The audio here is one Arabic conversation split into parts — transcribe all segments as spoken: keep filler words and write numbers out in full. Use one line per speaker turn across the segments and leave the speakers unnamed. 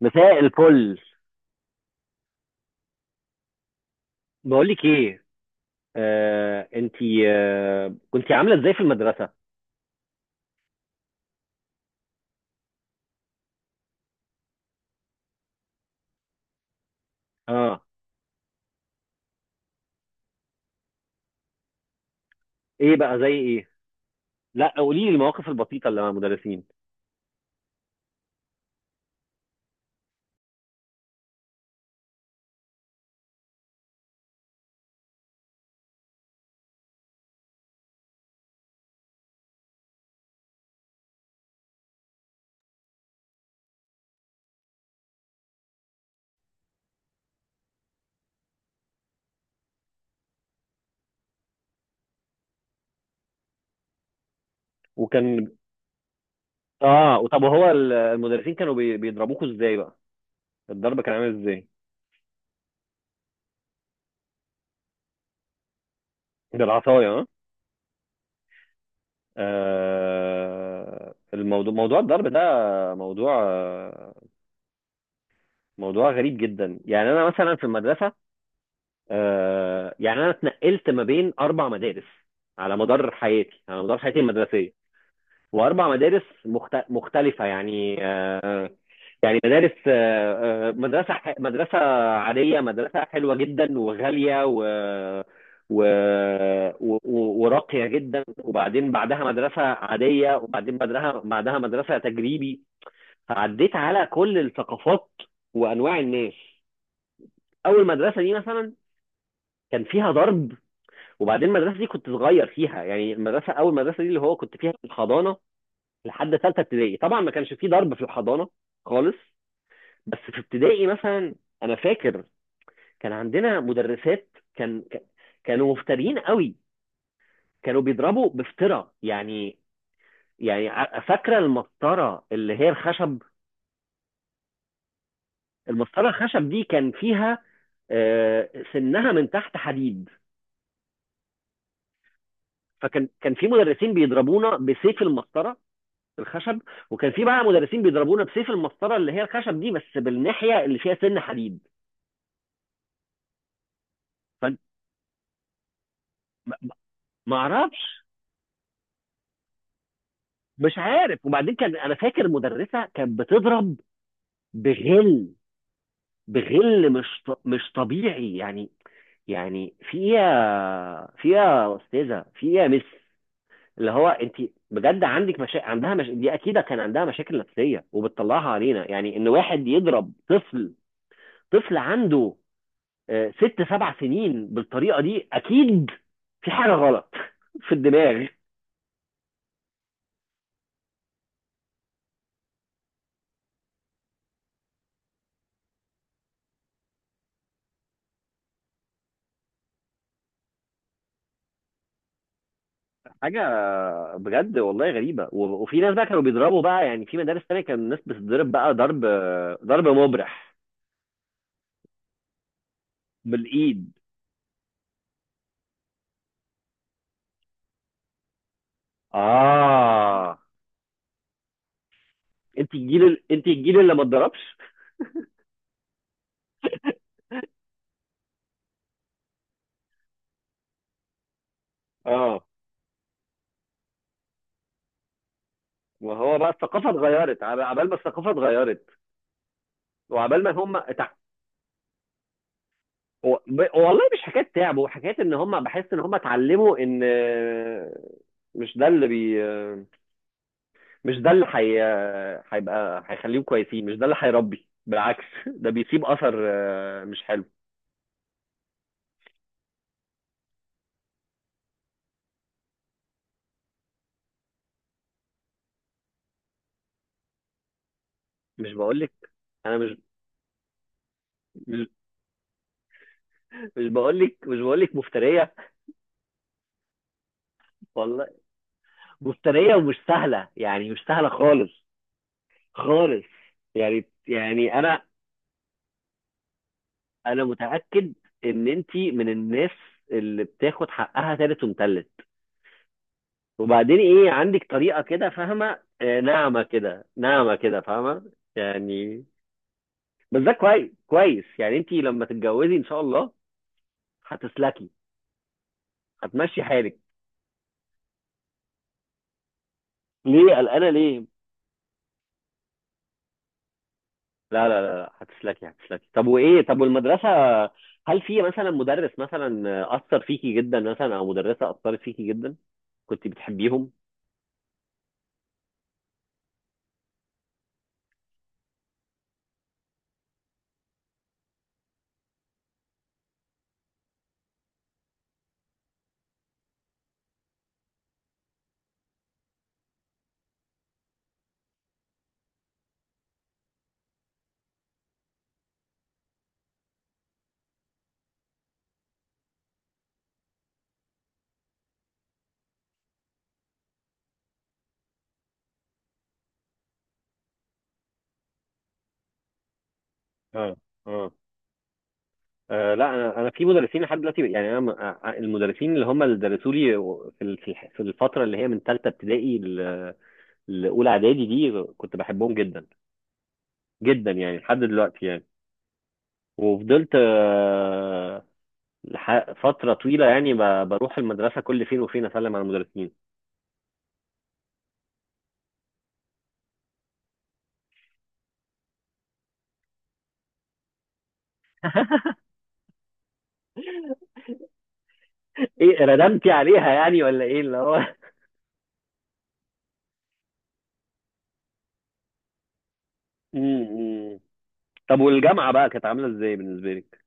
مساء الفل. بقول لك ايه، آه، انتي، آه، كنتي عامله ازاي في المدرسه؟ اه. ايه بقى زي ايه؟ لا، قولي لي المواقف البسيطه اللي مع المدرسين. وكان، اه، وطب هو ال- المدرسين كانوا بي- بيضربوكوا ازاي بقى؟ الضرب كان عامل ازاي؟ بالعصايه، اه. آه، الموضوع، موضوع الضرب ده، موضوع آه، موضوع غريب جدا. يعني انا مثلا في المدرسه، آه، يعني انا اتنقلت ما بين اربع مدارس على مدار حياتي، على مدار حياتي المدرسيه، واربع مدارس مخت- مختلفه يعني آه، يعني مدارس، آه، آه، مدرسه، ح- مدرسه عاديه، مدرسه حلوه جدا وغاليه و، و... و... وراقيه جدا، وبعدين بعدها مدرسه عاديه، وبعدين بعدها بعدها مدرسه تجريبي. فعديت على كل الثقافات وانواع الناس. اول مدرسه دي مثلا كان فيها ضرب. وبعدين المدرسه دي كنت صغير فيها، يعني المدرسه، اول مدرسه دي اللي هو كنت فيها في الحضانه لحد ثالثه ابتدائي، طبعا ما كانش فيه ضرب في الحضانه خالص. بس في ابتدائي مثلا، انا فاكر كان عندنا مدرسات، كان ك- كانوا مفترين قوي، كانوا بيضربوا بفترة يعني. يعني ع- فاكره المسطره اللي هي الخشب؟ المسطره الخشب دي كان فيها، آه، سنها من تحت حديد. فكان كان في مدرسين بيضربونا بسيف المسطره الخشب، وكان في بقى مدرسين بيضربونا بسيف المسطره اللي هي الخشب دي بس بالناحيه اللي فيها سن حديد. ما اعرفش، مش عارف. وبعدين كان، انا فاكر المدرسه كانت بتضرب بغل، بغل مش ط- مش طبيعي يعني. يعني في ايه يا، في ايه يا استاذه، في ايه يا مس، اللي هو انت بجد عندك مشا... عندها مش... دي اكيد كان عندها مشاكل نفسيه وبتطلعها علينا. يعني ان واحد يضرب طفل، طفل عنده آه، ست سبع سنين بالطريقه دي، اكيد في حاجه غلط في الدماغ. حاجه بجد والله غريبه و- وفي ناس بقى كانوا بيضربوا بقى، يعني في مدارس تانية كان الناس بتضرب بقى ضرب، ضرب مبرح. بالايد، اه. انت الجيل ال- انت الجيل اللي ما اتضربش. اه، ما هو بقى الثقافه اتغيرت، عب- عبال ما الثقافه اتغيرت. وعبال ما هم تع... و- ب- والله مش حكايه تعب، وحكايه ان هم، بحس ان هم اتعلموا ان، آه، مش ده اللي بي مش ده اللي حي... هيبقى، هيخليهم كويسين. مش ده اللي هيربي، بالعكس، ده بيسيب اثر آه، مش حلو. مش بقول لك؟ انا مش مش مش بقول لك، مش بقول لك مفتريه، والله مفتريه ومش سهله، يعني مش سهله خالص، خالص. يعني يعني انا، انا متاكد ان انت من الناس اللي بتاخد حقها تالت ومتلت. وبعدين ايه، عندك طريقه كده فاهمه، آه، ناعمه كده، ناعمه كده فاهمه يعني. بس ده كويس، كويس، يعني انت لما تتجوزي ان شاء الله هتسلكي، هتمشي حالك. ليه قلقانه، ليه؟ لا لا لا لا، هتسلكي، هتسلكي. طب وايه، طب والمدرسه، هل في مثلا مدرس مثلا اثر فيكي جدا، مثلا، او مدرسه اثرت فيكي جدا، كنت بتحبيهم؟ اه، اه. آه، لا انا، انا في مدرسين لحد دلوقتي، يعني انا م- آه، المدرسين اللي هم اللي درسوا لي في ال- في الح- في الفتره اللي هي من ثالثه ابتدائي ل- لاولى اعدادي، دي كنت بحبهم جدا جدا، يعني لحد دلوقتي يعني. وفضلت آه، لح- فترة طويلة يعني ب- بروح المدرسة كل فين وفين أسلم على المدرسين. إيه، ندمتي عليها يعني ولا إيه اللي هو؟ م- م. طب والجامعة بقى، كانت عاملة إزاي بالنسبة لك؟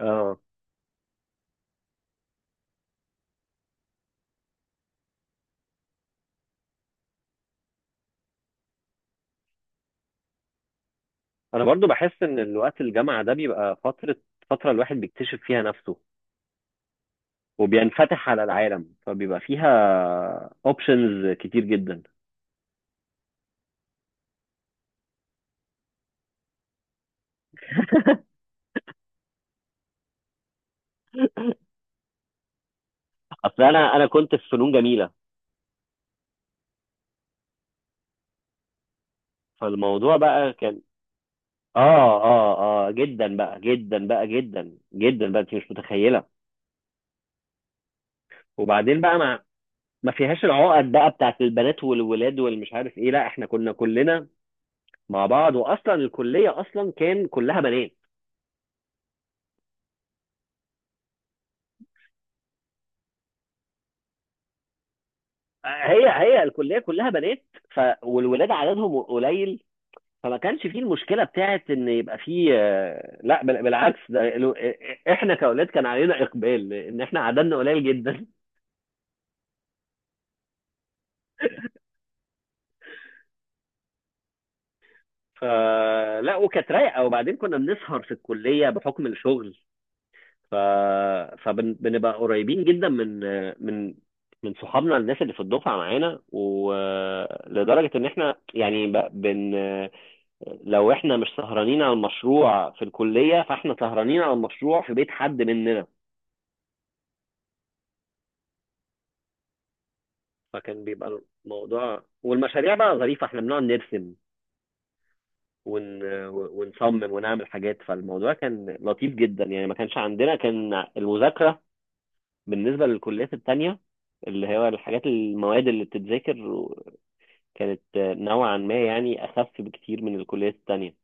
آه. أنا برضو بحس إن الوقت الجامعة ده بيبقى فترة، فترة الواحد بيكتشف فيها نفسه وبينفتح على العالم، فبيبقى فيها اوبشنز كتير جدا. اصل انا، انا كنت في فنون جميله، فالموضوع بقى كان، اه اه، اه جدا بقى، جدا بقى، جدا جدا بقى، انت مش متخيله. وبعدين بقى، ما ما فيهاش العقد بقى بتاعت البنات والولاد والمش عارف ايه، لا احنا كنا كلنا مع بعض، واصلا الكليه اصلا كان كلها بنات. هي، هي الكليه كلها بنات، ف والولاد عددهم قليل، فما كانش فيه المشكله بتاعت ان يبقى فيه آه، لا بال- بالعكس، ده ال- احنا كاولاد كان علينا اقبال ان احنا عددنا قليل جدا. فلا، وكانت رايقه. وبعدين كنا بنسهر في الكليه بحكم الشغل، ف... فبنبقى قريبين جدا من، من من صحابنا، الناس اللي في الدفعه معانا، ولدرجه ان احنا، يعني ب- بن لو احنا مش سهرانين على المشروع في الكليه فاحنا سهرانين على المشروع في بيت حد مننا. فكان بيبقى الموضوع، والمشاريع بقى ظريفه، احنا بنقعد نرسم ون... ونصمم ونعمل حاجات. فالموضوع كان لطيف جدا يعني، ما كانش عندنا كان المذاكره بالنسبة للكليات التانية، اللي هو الحاجات، المواد اللي بتتذاكر كانت نوعا ما يعني أخف بكتير من الكليات التانية.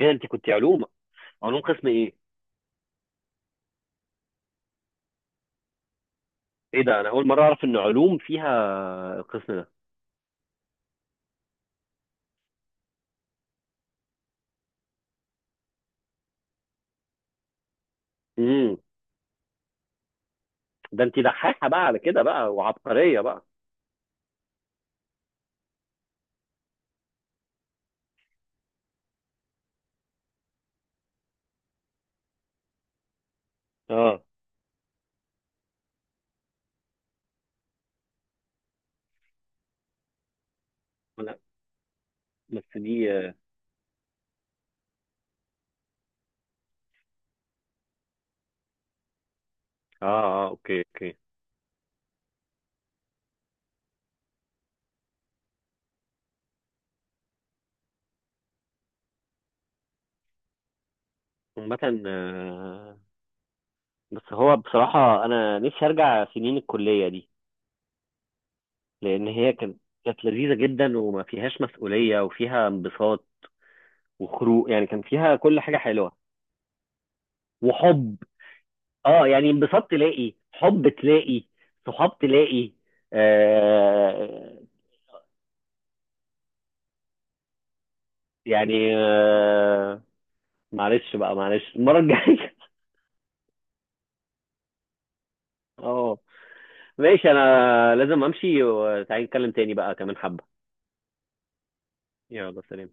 ايه ده، انت كنت علوم؟ علوم قسم ايه؟ ايه ده، انا اول مرة اعرف ان علوم فيها القسم ده. امم. ده انت دحاحة بقى على كده بقى، وعبقرية بقى. اه. لا بس دي اه، اه، اوكي اوكي. عامة آه، بس هو بصراحة انا نفسي ارجع سنين الكلية دي، لان هي كانت، كانت لذيذة جدا وما فيهاش مسؤولية وفيها انبساط وخروج، يعني كان فيها كل حاجة حلوة. وحب، اه، يعني انبساط، تلاقي حب، تلاقي صحاب، تلاقي، آه يعني، آه، معلش بقى، معلش المرة الجاية. اه، ماشي، انا لازم امشي، وتعالي نتكلم تاني بقى كمان حبة. يلا، سلام.